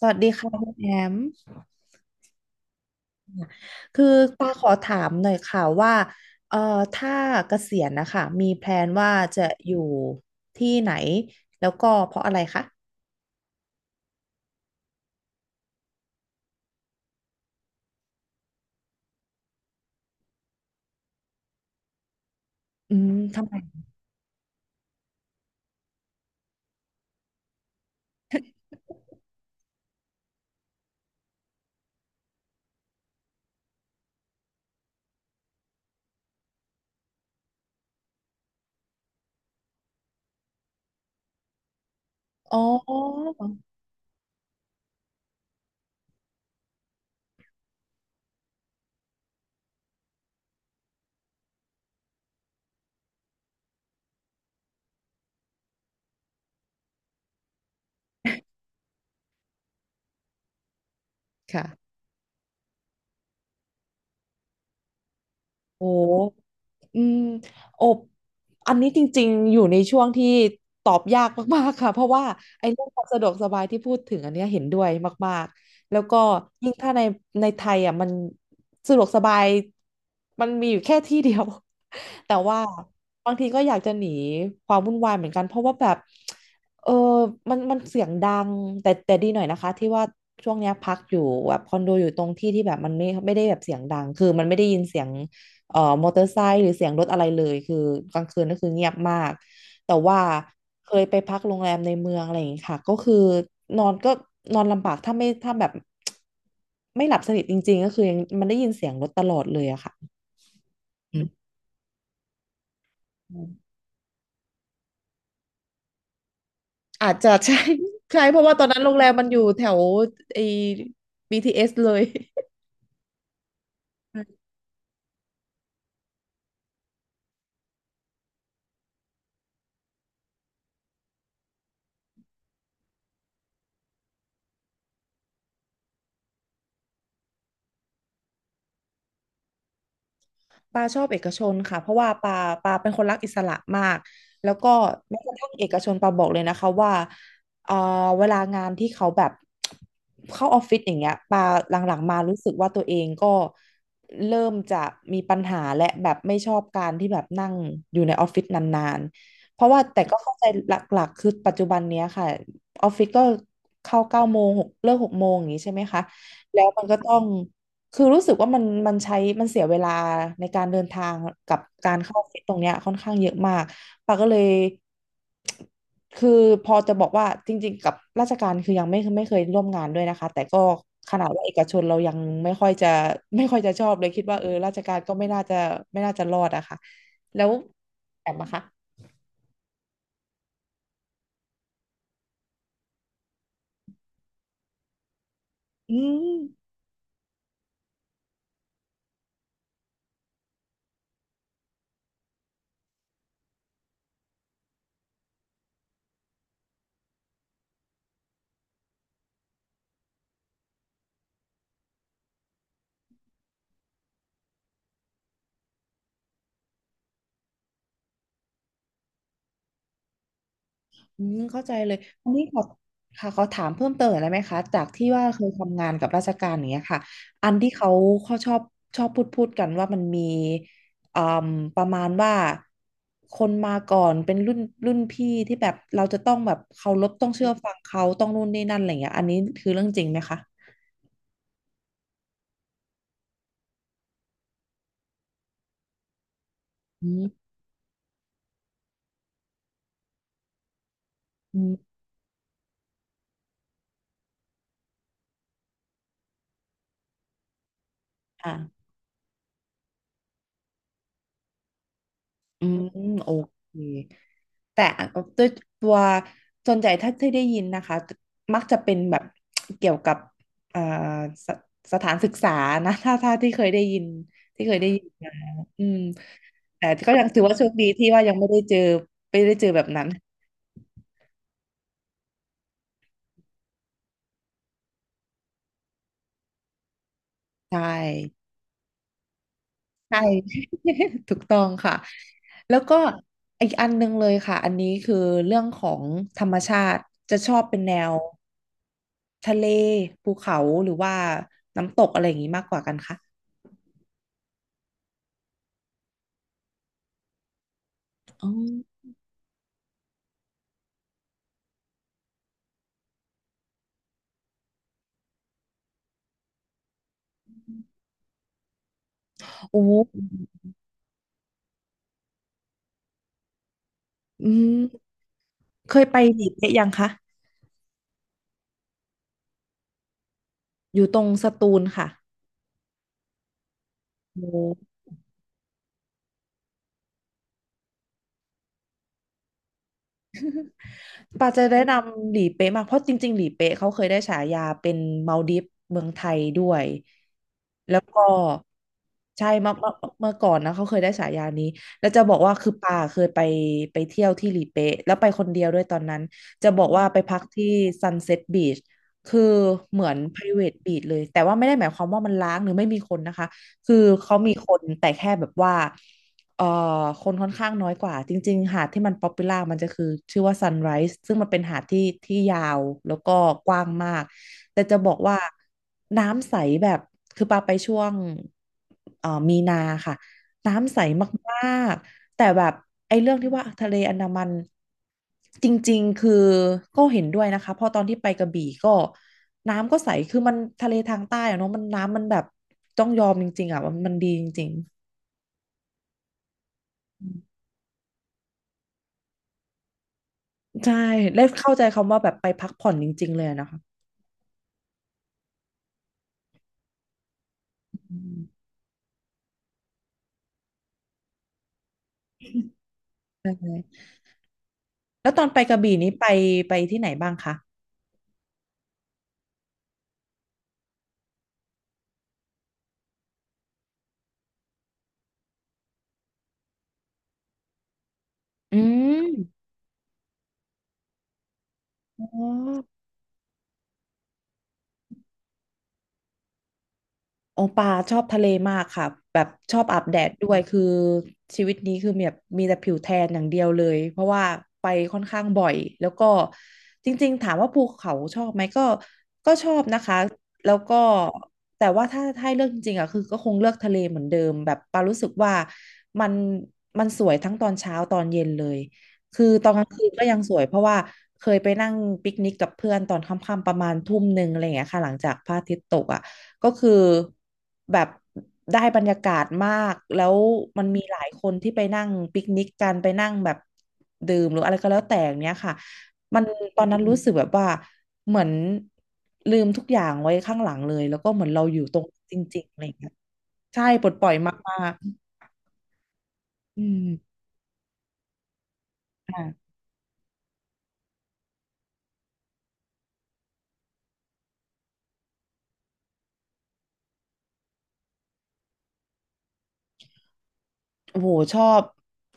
สวัสดีค่ะคุณแอมคือตาขอถามหน่อยค่ะว่าเอ่อถ้าเกษียณนะคะมีแพลนว่าจะอยู่ที่ไหนแล้วก็เพราะอะไรคะอืมทำไมอ๋อค่ะโอ้ อืมอบอันนี้จริงๆอยู่ในช่วงที่ตอบยากมากๆค่ะเพราะว่าไอ้เรื่องความสะดวกสบายที่พูดถึงอันเนี้ยเห็นด้วยมากๆแล้วก็ยิ่งถ้าในในไทยอ่ะมันสะดวกสบายมันมีอยู่แค่ที่เดียว แต่ว่าบางทีก็อยากจะหนีความวุ่นวายเหมือนกันเพราะว่าแบบเออมันเสียงดังแต่ดีหน่อยนะคะที่ว่าช่วงเนี้ยพักอยู่แบบคอนโดอยู่ตรงที่ที่แบบมันไม่ได้แบบเสียงดังคือมันไม่ได้ยินเสียง มอเตอร์ไซค์หรือเสียงรถอะไรเลยคือกลางคืนก็คือเงียบมากแต่ว่าเคยไปพักโรงแรมในเมืองอะไรอย่างงี้ค่ะก็คือนอนก็นอนลำบากถ้าแบบไม่หลับสนิทจริงๆก็คือยังมันได้ยินเสียงรถตลอดเลยอะค่ะอืมอาจจะ ใช่ ใช่เพราะว่าตอนนั้นโรงแรมมันอยู่แถวไอ้ BTS เอสเลย ปาชอบเอกชนค่ะเพราะว่าปาเป็นคนรักอิสระมากแล้วก็แม้กระทั่งเอกชนปาบอกเลยนะคะว่าเอ่อเวลางานที่เขาแบบเข้าออฟฟิศอย่างเงี้ยปาหลังๆมารู้สึกว่าตัวเองก็เริ่มจะมีปัญหาและแบบไม่ชอบการที่แบบนั่งอยู่ในออฟฟิศนานๆเพราะว่าแต่ก็เข้าใจหลักๆคือปัจจุบันเนี้ยค่ะออฟฟิศก็เข้าเก้าโมงหกเลิกหกโมงอย่างงี้ใช่ไหมคะแล้วมันก็ต้อง คือรู้สึกว่ามันใช้มันเสียเวลาในการเดินทางกับการเข้าออฟฟิศตรงเนี้ยค่อนข้างเยอะมากปาก็เลยคือพอจะบอกว่าจริงๆกับราชการคือยังไม่เคยร่วมงานด้วยนะคะแต่ก็ขนาดว่าเอกชนเรายังไม่ค่อยจะไม่ค่อยจะชอบเลยคิดว่าเออราชการก็ไม่น่าจะรอดอะค่ะแล้วแอมอะคะอืม อืมเข้าใจเลยอันนี้ขอค่ะขอถามเพิ่มเติมหน่อยได้ไหมคะจากที่ว่าเคยทำงานกับราชการอย่างเงี้ยค่ะ อันที่เขาชอบพูดกันว่ามันมีอืมประมาณว่าคนมาก่อนเป็นรุ่นพี่ที่แบบเราจะต้องแบบเคารพต้องเชื่อฟังเขาต้องนู่นนี่นั่นอะไรอย่างเงี้ยอันนี้คือเรื่องจริงไหมคะอืมอืมค่ะ อืมโอเคแต่ด้วยตัวส่วนใหญ่ถ้าที่ได้ยินนะคะมักจะเป็นแบบเกี่ยวกับเอ่อสสถานศึกษานะถ้าที่เคยได้ยินมาอืมแต่ก็ยังถือว่าโชคดีที่ว่ายังไม่ได้เจอแบบนั้นใช่ใช่ ถูกต้องค่ะแล้วก็อีกอันหนึงเลยค่ะอันนี้คือเรื่องของธรรมชาติจะชอบเป็นแนว ทะเลภูเขาหรือว่าน้ำตกอะไรอย่างนี้มากกว่ากันคะอ๋อโอ้อืมเคยไปหลีเป๊ะยังคะอยู่ตรงสตูลค่ะโอ้ ปาจะแนะนำหลีเป๊ะมากเพราะจริงๆหลีเป๊ะเขาเคยได้ฉายาเป็นมัลดิฟเมืองไทยด้วยแล้วก็ใช่เมื่อก่อนนะเขาเคยได้ฉายานี้แล้วจะบอกว่าคือปาเคยไปเที่ยวที่หลีเป๊ะแล้วไปคนเดียวด้วยตอนนั้นจะบอกว่าไปพักที่ Sunset Beach คือเหมือน private beach เลยแต่ว่าไม่ได้หมายความว่ามันล้างหรือไม่มีคนนะคะคือเขามีคนแต่แค่แบบว่า เอ่อคนค่อนข้างน้อยกว่าจริงๆหาดที่มันป๊อปปูล่ามันจะคือชื่อว่า Sunrise ซึ่งมันเป็นหาดที่ที่ยาวแล้วก็กว้างมากแต่จะบอกว่าน้ำใสแบบคือปาไปช่วงมีนาค่ะน้ำใสมากๆแต่แบบไอ้เรื่องที่ว่าทะเลอันดามันจริงๆคือก็เห็นด้วยนะคะเพราะตอนที่ไปกระบี่ก็น้ำก็ใสคือมันทะเลทางใต้อะเนาะมันน้ำมันแบบต้องยอมจริงๆอ่ะว่ามันดีจริง ใช่ได้เข้าใจคำว่าแบบไปพักผ่อนจริงๆเลยอะนะคะอืมใช่แล้วตอนไปกระบี่นี้ไปที่ไหนบ้างคะ อืมอ๋อ โอปาชอบทะเลมากค่ะแบบชอบอาบแดดด้วยคือชีวิตนี้คือแบบมีแต่ผิวแทนอย่างเดียวเลยเพราะว่าไปค่อนข้างบ่อยแล้วก็จริงๆถามว่าภูเขาชอบไหมก็ชอบนะคะแล้วก็แต่ว่าถ้าให้เลือกจริงๆอ่ะคือก็คงเลือกทะเลเหมือนเดิมแบบปารู้สึกว่ามันมันสวยทั้งตอนเช้าตอนเย็นเลยคือตอนกลางคืนก็ยังสวยเพราะว่าเคยไปนั่งปิกนิกกับเพื่อนตอนค่ำๆประมาณทุ่มหนึ่งอะไรอย่างเงี้ยค่ะหลังจากพระอาทิตย์ตกอ่ะ ก็คือแบบได้บรรยากาศมาก แล้วมันมีหลายคนที่ไปนั่งปิกนิกกันไปนั่งแบบดื่มหรืออะไรก็แล้วแต่อย่างเนี้ยค่ะ มันตอนนั้นรู้สึกแบบว่าเหมือนลืมทุกอย่างไว้ข้างหลังเลย แล้วก็เหมือนเราอยู่ตรงจริงๆอะไรอย่างเงี้ยใช่ปลดปล่อยมากๆอืมค่ะ โอ้โหชอบ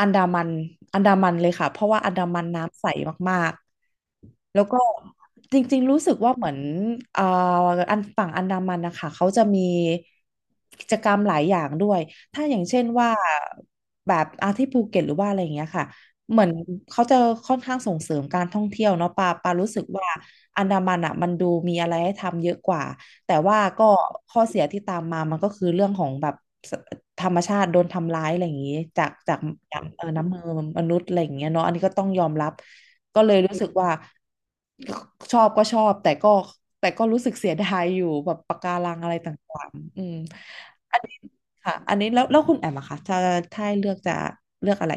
อันดามันอันดามันเลยค่ะเพราะว่าอันดามันน้ำใสมากๆแล้วก็จริงๆรู้สึกว่าเหมือนเอ่ออันฝั่งอันดามันนะคะเขาจะมีกิจกรรมหลายอย่างด้วยถ้าอย่างเช่นว่าแบบอาที่ภูเก็ตหรือว่าอะไรอย่างเงี้ยค่ะเหมือนเขาจะค่อนข้างส่งเสริมการท่องเที่ยวเนาะปารู้สึกว่าอันดามันอ่ะมันดูมีอะไรให้ทำเยอะกว่าแต่ว่าก็ข้อเสียที่ตามมามันก็คือเรื่องของแบบ ธรรมชาติโดนทำร้ายอะไรอย่างนี้จากจากน้ำมือมนุษย์อะไรอย่างเงี้ยเนาะอันนี้ก็ต้องยอมรับก็เลยรู้สึกว่าชอบก็ชอบแต่ก็รู้สึกเสียดายอยู่แบบปะการังอะไรต่างๆอืมอันนี้ค่ะอันนี้แล้วคุณแอมอะคะถ้าให้เลือกจะเลือกอะไร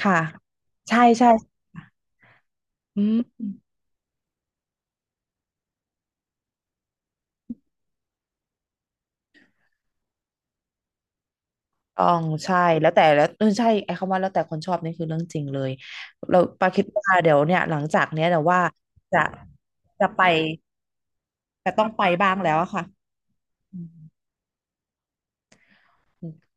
ค่ะใช่ใช่อืมอ๋องใช่แล้วแต่แล้วเออใช่ไอ้คำว่าแล้วแต่คนชอบนี่คือเรื่องจริงเลยเราปาคิดว่าเดี๋ยวเนี่ยหลังจากเนี้ยเดี๋ยวว่าจะจะไป แต่ต้องไปบ้างแล้วอะค่ะอืม